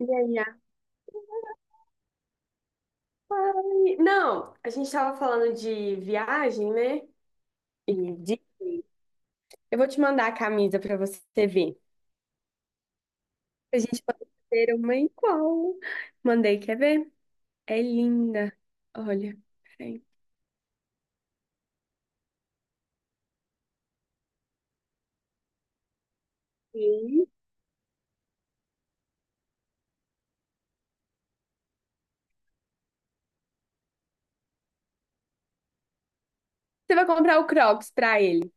E aí, ai, não, a gente tava falando de viagem, né? E de... eu vou te mandar a camisa pra você ver. A gente pode ter uma igual. Mandei, quer ver? É linda. Olha, peraí. Sim. Você vai comprar o Crocs pra ele.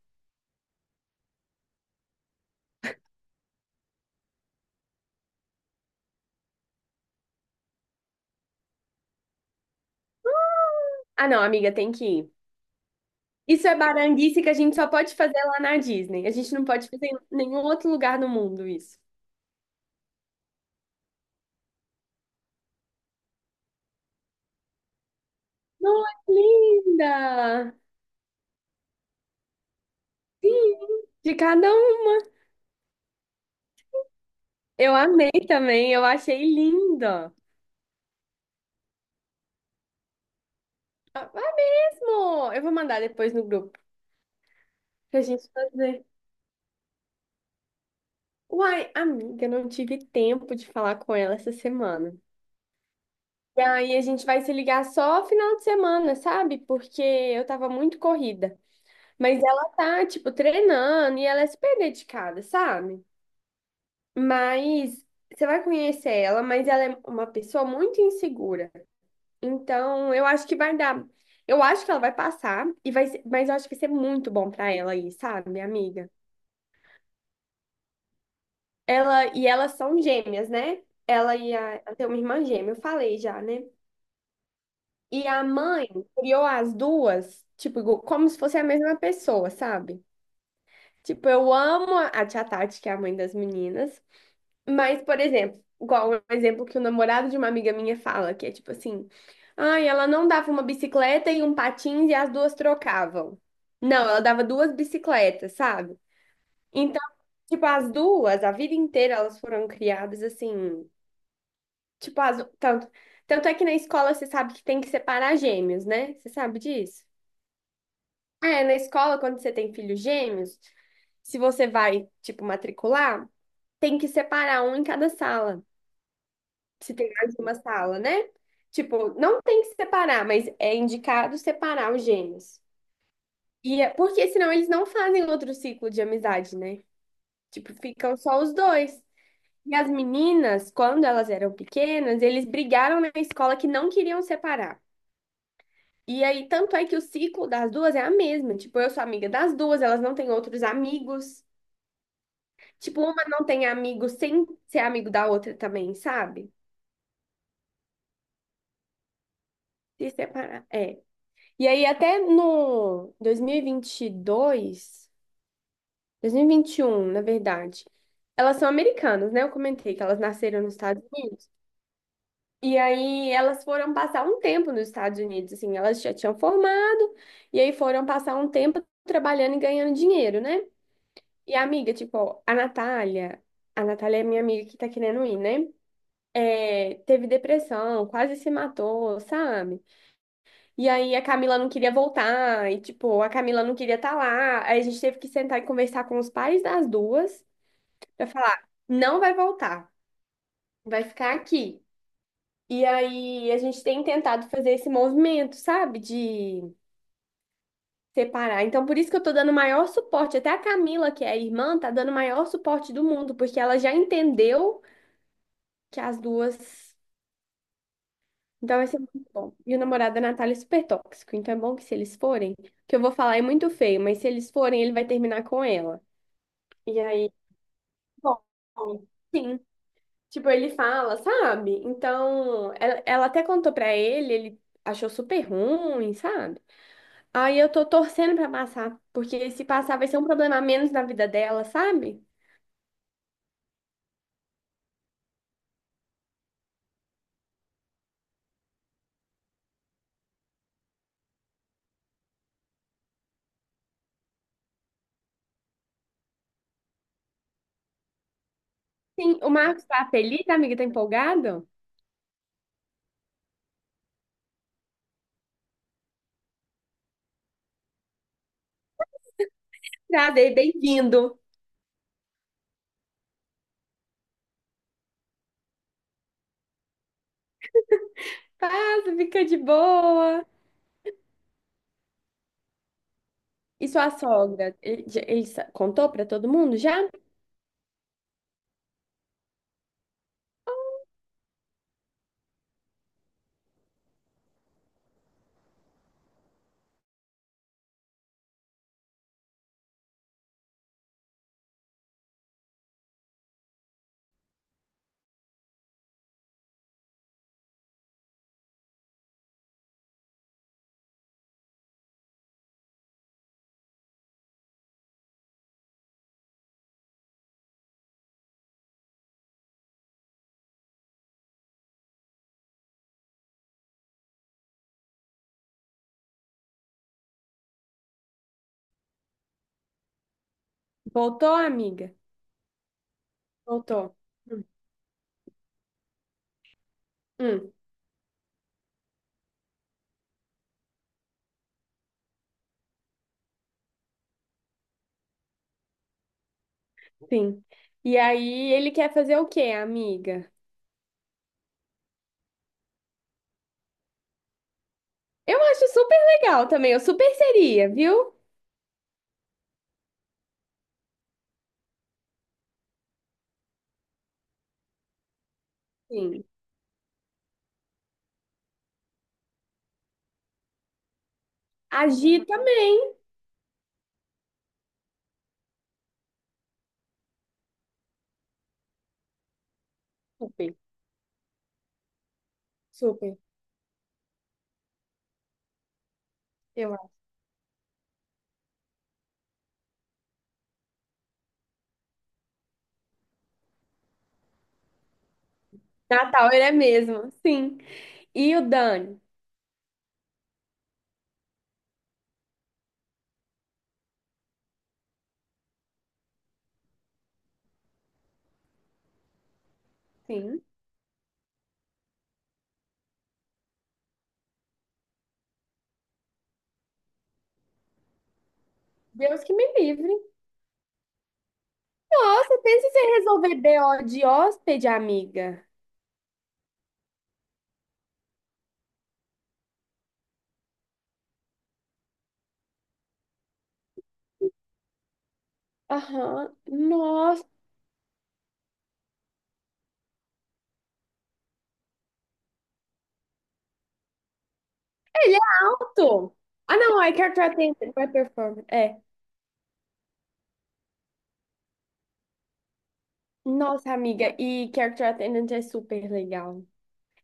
Ah, não, amiga, tem que ir. Isso é baranguice que a gente só pode fazer lá na Disney. A gente não pode fazer em nenhum outro lugar no mundo isso. Nossa, linda! Sim, de cada um. Eu amei também, eu achei linda. Ah, vai mesmo! Eu vou mandar depois no grupo pra gente fazer. Uai, amiga, não tive tempo de falar com ela essa semana. E aí a gente vai se ligar só final de semana, sabe? Porque eu tava muito corrida. Mas ela tá, tipo, treinando e ela é super dedicada, sabe? Mas você vai conhecer ela, mas ela é uma pessoa muito insegura. Então, eu acho que vai dar. Eu acho que ela vai passar e vai ser- mas eu acho que vai ser muito bom pra ela aí, sabe, minha amiga? Ela e elas são gêmeas, né? Ela e a, ela tem uma irmã gêmea, eu falei já, né? E a mãe criou as duas, tipo, como se fosse a mesma pessoa, sabe? Tipo, eu amo a tia Tati, que é a mãe das meninas. Mas, por exemplo, igual um exemplo que o namorado de uma amiga minha fala, que é tipo assim: ai, ela não dava uma bicicleta e um patins e as duas trocavam. Não, ela dava duas bicicletas, sabe? Então, tipo, as duas, a vida inteira elas foram criadas assim, tipo, as, tanto é que na escola você sabe que tem que separar gêmeos, né? Você sabe disso? É, na escola, quando você tem filhos gêmeos, se você vai, tipo, matricular, tem que separar um em cada sala. Se tem mais de uma sala, né? Tipo, não tem que separar, mas é indicado separar os gêmeos. E é, porque senão eles não fazem outro ciclo de amizade, né? Tipo, ficam só os dois. E as meninas, quando elas eram pequenas, eles brigaram na escola que não queriam separar. E aí, tanto é que o ciclo das duas é a mesma. Tipo, eu sou amiga das duas, elas não têm outros amigos. Tipo, uma não tem amigo sem ser amigo da outra também, sabe? Se separar. É. E aí, até no 2022, dois mil e vinte e um na verdade, elas são americanas, né? Eu comentei que elas nasceram nos Estados Unidos. E aí, elas foram passar um tempo nos Estados Unidos, assim, elas já tinham formado, e aí foram passar um tempo trabalhando e ganhando dinheiro, né? E a amiga, tipo, a Natália é minha amiga que tá querendo ir, né? É, teve depressão, quase se matou, sabe? E aí a Camila não queria voltar, e tipo, a Camila não queria estar lá. Aí a gente teve que sentar e conversar com os pais das duas pra falar, não vai voltar, vai ficar aqui. E aí a gente tem tentado fazer esse movimento, sabe, de separar. Então por isso que eu tô dando maior suporte, até a Camila, que é a irmã, tá dando o maior suporte do mundo, porque ela já entendeu que as duas. Então vai ser muito bom. E o namorado da Natália é super tóxico. Então é bom que se eles forem, que eu vou falar é muito feio, mas se eles forem, ele vai terminar com ela. E aí, bom, sim. Tipo, ele fala, sabe? Então, ela até contou pra ele, ele achou super ruim, sabe? Aí eu tô torcendo pra passar, porque se passar vai ser um problema a menos na vida dela, sabe? Sim, o Marcos tá feliz, a amiga tá empolgado? Nada, é bem-vindo. Passa, fica de boa. E sua sogra, ele, contou pra todo mundo já? Voltou, amiga? Voltou. Hum, hum, sim. E aí ele quer fazer o quê, amiga? Eu acho super legal também, eu super seria, viu? Sim. Agir também. Super, super. Eu acho. Natal, ele é mesmo, sim. E o Dani? Sim. Deus que me livre. Nossa, pensa em você resolver B o de hóspede, amiga. Aham. Ele é alto. Ah, não, é Character Attendant, vai é Performer. É. Nossa, amiga, e Character Attendant é super legal.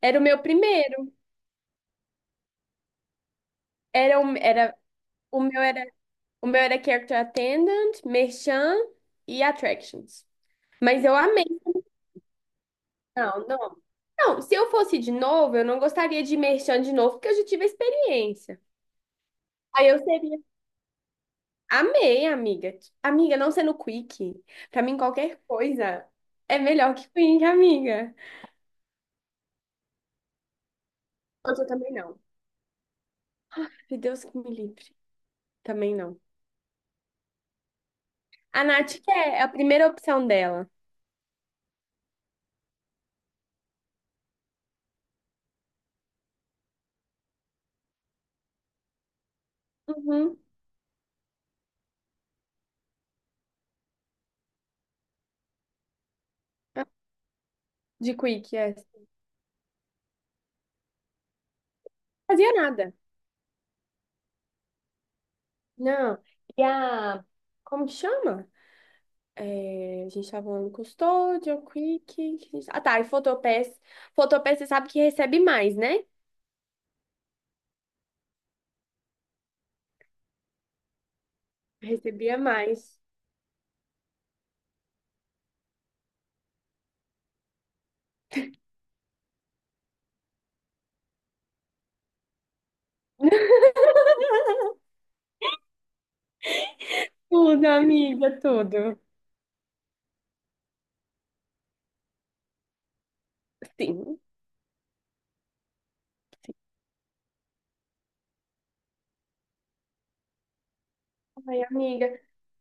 Era o meu primeiro. Era o, era, o meu era, o meu era Character Attendant, Merchan e Attractions. Mas eu amei. Não, não. Não, se eu fosse de novo, eu não gostaria de Merchan de novo, porque eu já tive a experiência. Aí eu seria. Amei, amiga. Amiga, não sendo quick. Pra mim, qualquer coisa é melhor que quick, amiga. Mas eu também não. Se Deus que me livre. Também não. A Nath quer, é a primeira opção dela. Uhum. De Quick, yes. Não fazia nada. Não. E a. Como que chama? É, a gente tava falando Custódio, Quick. Que ah, tá. E Fotopass. Fotopass, você sabe que recebe mais, né? Recebia mais. Tudo, amiga, tudo. Sim. Ai, amiga.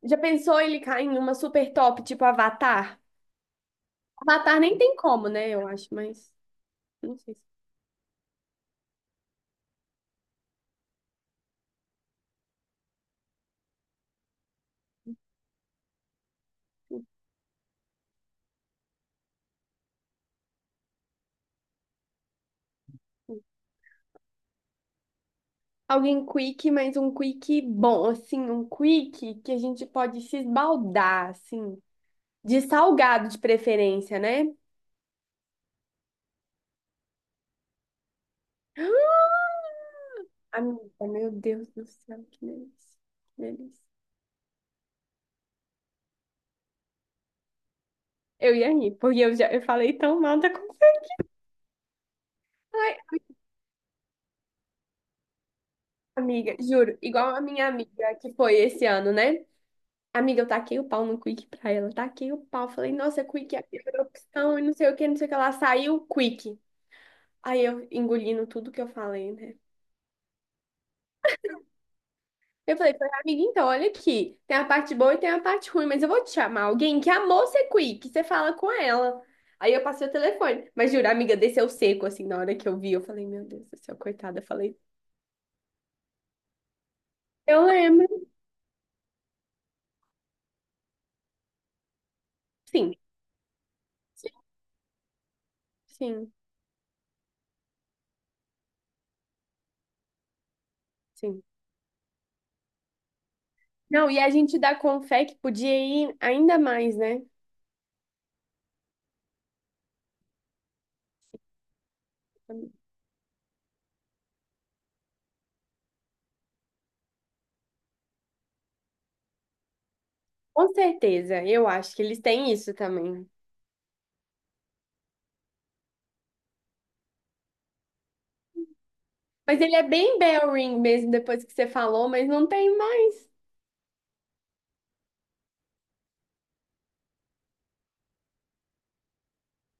Já pensou ele cair em uma super top, tipo Avatar? Avatar nem tem como, né? Eu acho, mas. Não sei se- Alguém quick, mas um quick bom, assim, um quick que a gente pode se esbaldar, assim. De salgado de preferência, né? Ah, amiga, meu Deus do céu, que delícia. Que delícia. Eu ia rir, porque eu falei tão mal da conversa. Ai, amiga, juro, igual a minha amiga que foi esse ano, né? Amiga, eu taquei o pau no Quick pra ela, taquei o pau. Falei, nossa, Quick é a pior opção e não sei o que, não sei o que. Ela saiu, Quick. Aí eu engolindo tudo que eu falei, né? Eu falei, falei, amiga, então, olha aqui, tem a parte boa e tem a parte ruim, mas eu vou te chamar alguém que amou ser quick, você fala com ela. Aí eu passei o telefone, mas juro, a amiga desceu seco, assim, na hora que eu vi, eu falei, meu Deus do céu, coitada, eu falei, eu lembro, sim, sim, sim, sim. Não, e a gente da Confec podia ir ainda mais, né? Com certeza, eu acho que eles têm isso também. Mas ele é bem bell ring mesmo, depois que você falou, mas não tem mais.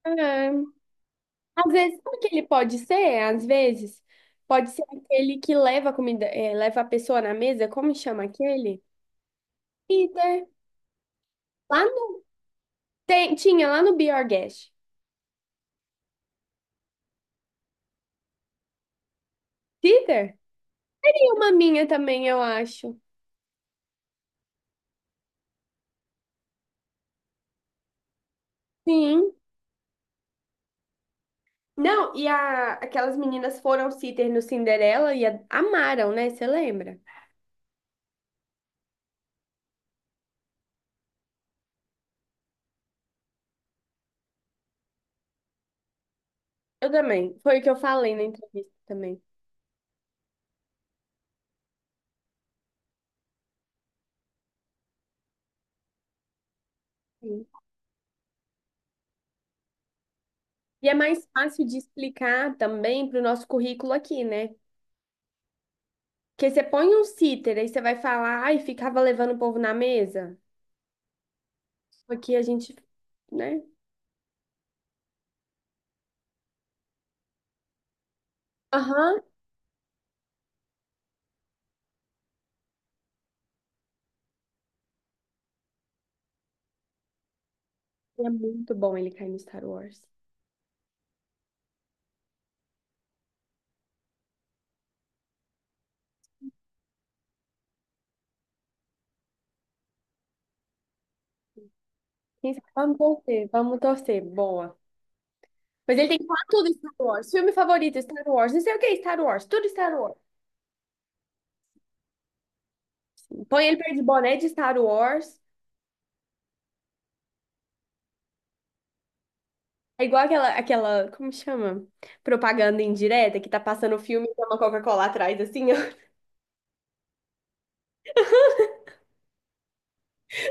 É. Às vezes, sabe o que ele pode ser? Às vezes, pode ser aquele que leva a comida, leva a pessoa na mesa, como chama aquele? Peter. Lá no, tinha lá no Biogas. Peter? Tem uma minha também, eu acho. Sim. Não, e a, aquelas meninas foram sitter no Cinderela e amaram, né? Você lembra? Eu também. Foi o que eu falei na entrevista também. Sim. E é mais fácil de explicar também para o nosso currículo aqui, né? Porque você põe um cíter, aí você vai falar, ai, ficava levando o povo na mesa. Aqui a gente, né? Aham. É muito bom ele cair no Star Wars. Quem sabe- vamos torcer, vamos torcer. Boa. Mas ele tem que falar tudo Star Wars. Filme favorito, Star Wars. Não sei o que, é Star Wars. Tudo Star Wars. Põe ele perto de boné de Star Wars. É igual aquela, aquela, como chama? Propaganda indireta que tá passando o filme e tem uma Coca-Cola atrás, assim, ó.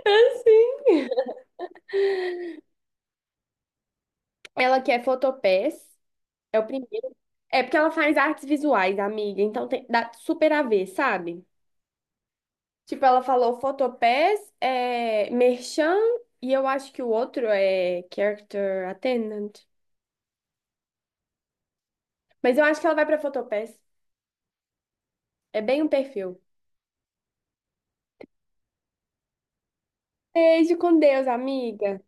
Assim. Ela quer Photopass. É o primeiro. É porque ela faz artes visuais, amiga, então tem, dá super a ver, sabe? Tipo, ela falou Photopass, é, Merchan, e eu acho que o outro é Character Attendant. Mas eu acho que ela vai pra Photopass. É bem um perfil. Beijo com Deus, amiga.